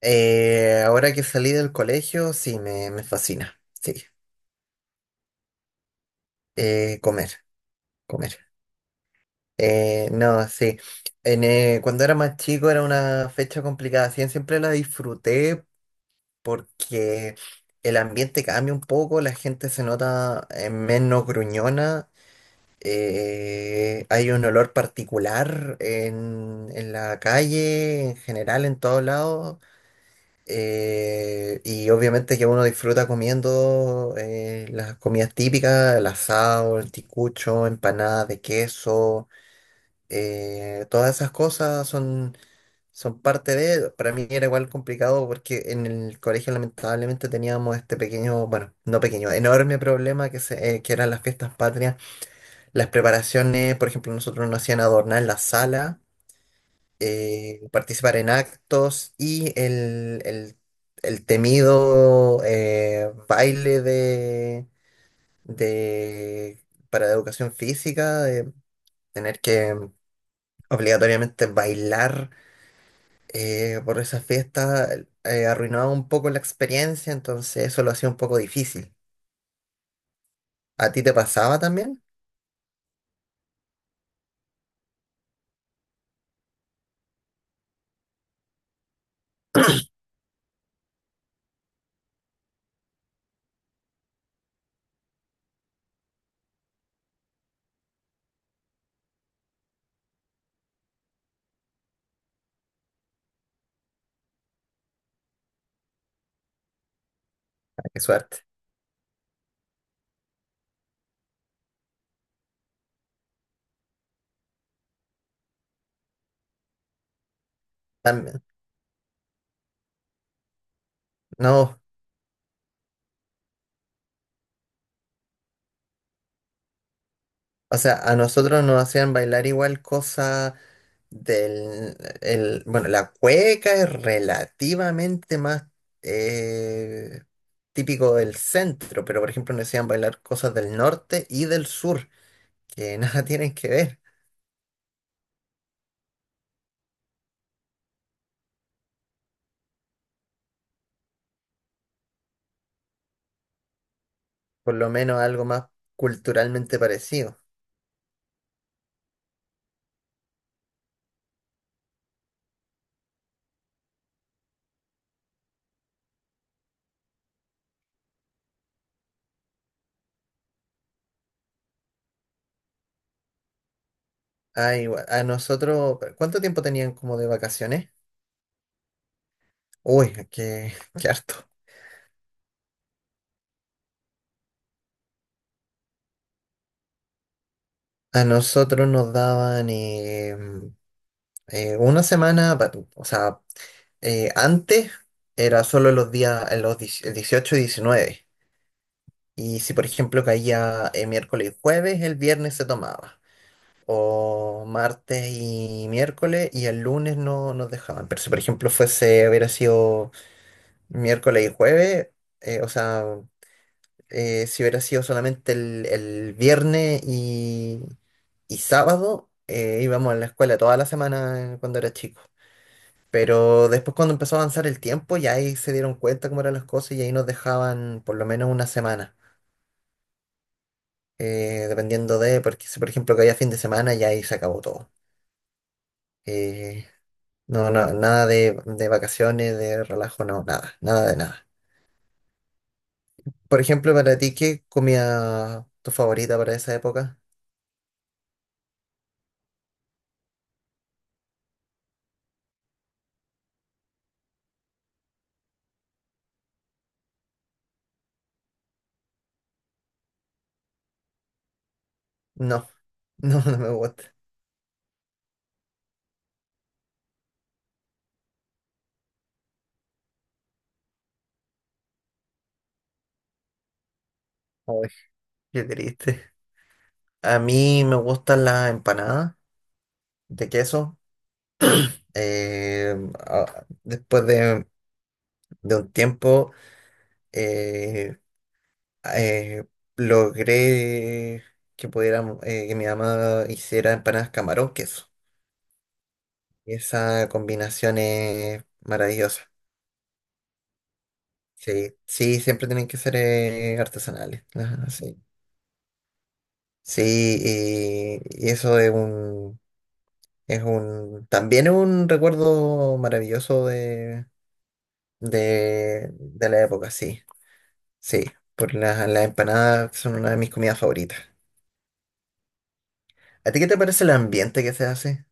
Ahora que salí del colegio, sí, me fascina. Sí. Comer, comer. No, sí. Cuando era más chico era una fecha complicada. Sí, siempre la disfruté porque el ambiente cambia un poco, la gente se nota menos gruñona. Hay un olor particular en la calle, en general, en todos lados. Y obviamente que uno disfruta comiendo las comidas típicas, el asado, el ticucho, empanadas de queso, todas esas cosas son parte de. Para mí era igual complicado porque en el colegio lamentablemente teníamos este pequeño, bueno, no pequeño, enorme problema que eran las fiestas patrias, las preparaciones, por ejemplo, nosotros nos hacían adornar la sala, participar en actos y el temido baile de- para educación física, de tener que obligatoriamente bailar por esa fiesta, arruinaba un poco la experiencia, entonces eso lo hacía un poco difícil. ¿A ti te pasaba también? Ah, qué suerte. También. No. O sea, a nosotros nos hacían bailar igual cosa del. Bueno, la cueca es relativamente más eh, típico del centro, pero por ejemplo nos hacían bailar cosas del norte y del sur, que nada tienen que ver, por lo menos algo más culturalmente parecido. Ah, igual, a nosotros, ¿cuánto tiempo tenían como de vacaciones? Uy, qué, qué harto. A nosotros nos daban una semana, o sea. Antes era solo los días, en los 18 y 19. Y si, por ejemplo, caía miércoles y jueves, el viernes se tomaba. O martes y miércoles y el lunes no nos dejaban. Pero si, por ejemplo, hubiera sido miércoles y jueves. Eh, o sea, eh, si hubiera sido solamente el viernes y sábado, íbamos a la escuela toda la semana cuando era chico. Pero después cuando empezó a avanzar el tiempo, ya ahí se dieron cuenta cómo eran las cosas y ahí nos dejaban por lo menos una semana, dependiendo de, porque si por ejemplo caía fin de semana, ya ahí se acabó todo. Eh, no, no, nada de vacaciones, de relajo, no, nada, nada de nada. Por ejemplo, para ti, ¿qué comida tu favorita para esa época? No, no, no me gusta. Ay, qué triste. A mí me gustan las empanadas de queso. eh, después de un tiempo. Eh, eh, logré que pudiéramos, que mi mamá hiciera empanadas camarón queso. Y esa combinación es maravillosa. Sí, sí, siempre tienen que ser artesanales. Ajá, sí. Sí, y eso es un, también es un recuerdo maravilloso de la época, sí. Sí, por las empanadas son una de mis comidas favoritas. ¿A ti qué te parece el ambiente que se hace?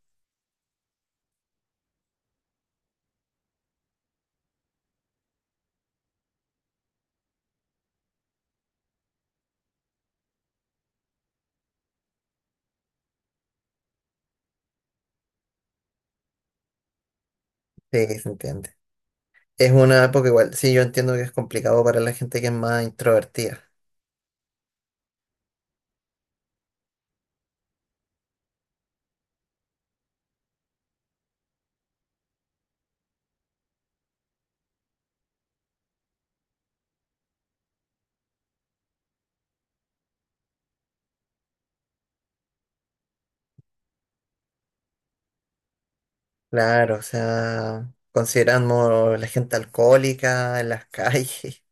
Sí, se entiende. Es una época igual, sí, yo entiendo que es complicado para la gente que es más introvertida. Claro, o sea, considerando la gente alcohólica en las calles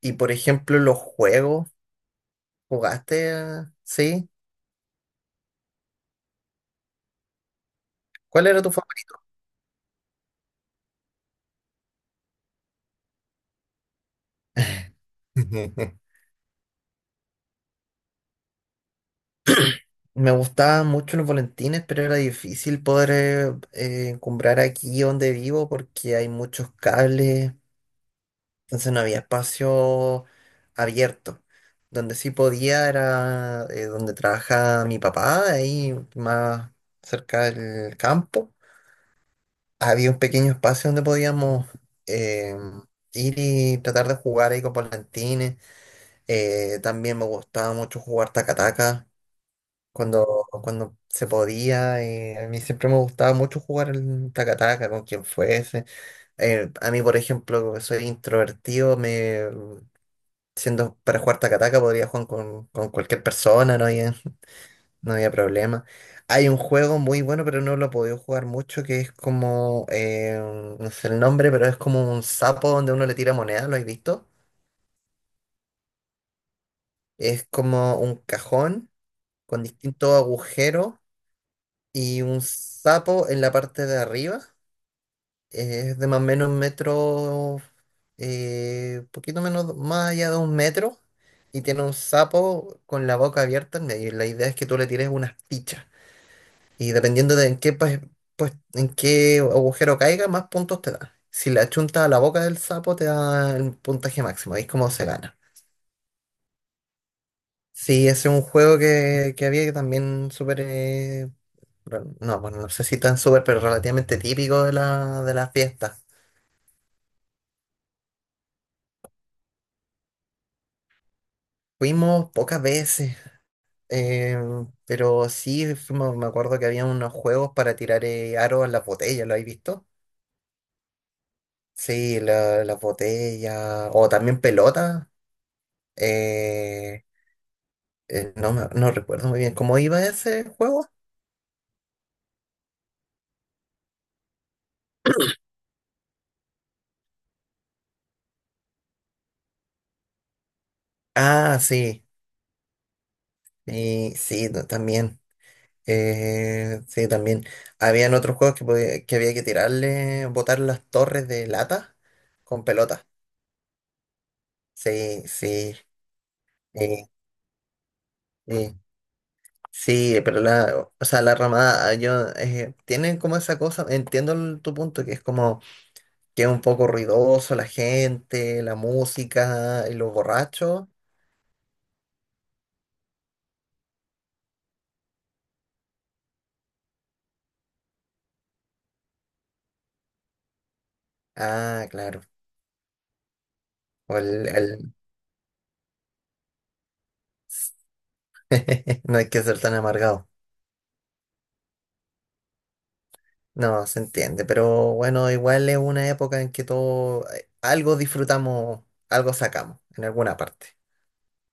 y por ejemplo los juegos, ¿jugaste? ¿Sí? ¿Cuál era tu favorito? Me gustaban mucho los volantines, pero era difícil poder encumbrar aquí donde vivo porque hay muchos cables. Entonces no había espacio abierto. Donde sí podía era donde trabajaba mi papá, ahí más cerca del campo. Había un pequeño espacio donde podíamos eh, ir y tratar de jugar ahí con volantines. También me gustaba mucho jugar tacataca cuando se podía. A mí siempre me gustaba mucho jugar el tacataca con quien fuese. A mí, por ejemplo, que soy introvertido, siendo para jugar Takataka podría jugar con cualquier persona, no había problema. Hay un juego muy bueno, pero no lo he podido jugar mucho, que es como, no sé el nombre, pero es como un sapo donde uno le tira moneda, ¿lo has visto? Es como un cajón con distintos agujeros y un sapo en la parte de arriba. Es de más o menos un metro, poquito menos, más allá de un metro, y tiene un sapo con la boca abierta en medio. Y la idea es que tú le tires unas fichas. Y dependiendo de en qué, pues, en qué agujero caiga, más puntos te da. Si la chuntas a la boca del sapo, te da el puntaje máximo. Ahí es como se gana. Sí, ese es un juego que había que también súper. No, bueno, no sé si tan súper, pero relativamente típico de las fiestas. Fuimos pocas veces. Eh, pero sí, me acuerdo que había unos juegos para tirar aros a las botellas, ¿lo habéis visto? Sí, las botellas, o también pelotas. eh, no, no recuerdo muy bien cómo iba ese juego. Ah, sí, y sí, no, también. Sí, también. Habían otros juegos que había que tirarle, botar las torres de lata con pelotas. Sí, sí. Sí, sí. Sí, pero o sea, la ramada, yo, tienen como esa cosa, entiendo tu punto, que es como que es un poco ruidoso la gente, la música y los borrachos. Ah, claro. O el, el- no hay que ser tan amargado. No, se entiende, pero bueno, igual es una época en que todo, algo disfrutamos, algo sacamos en alguna parte.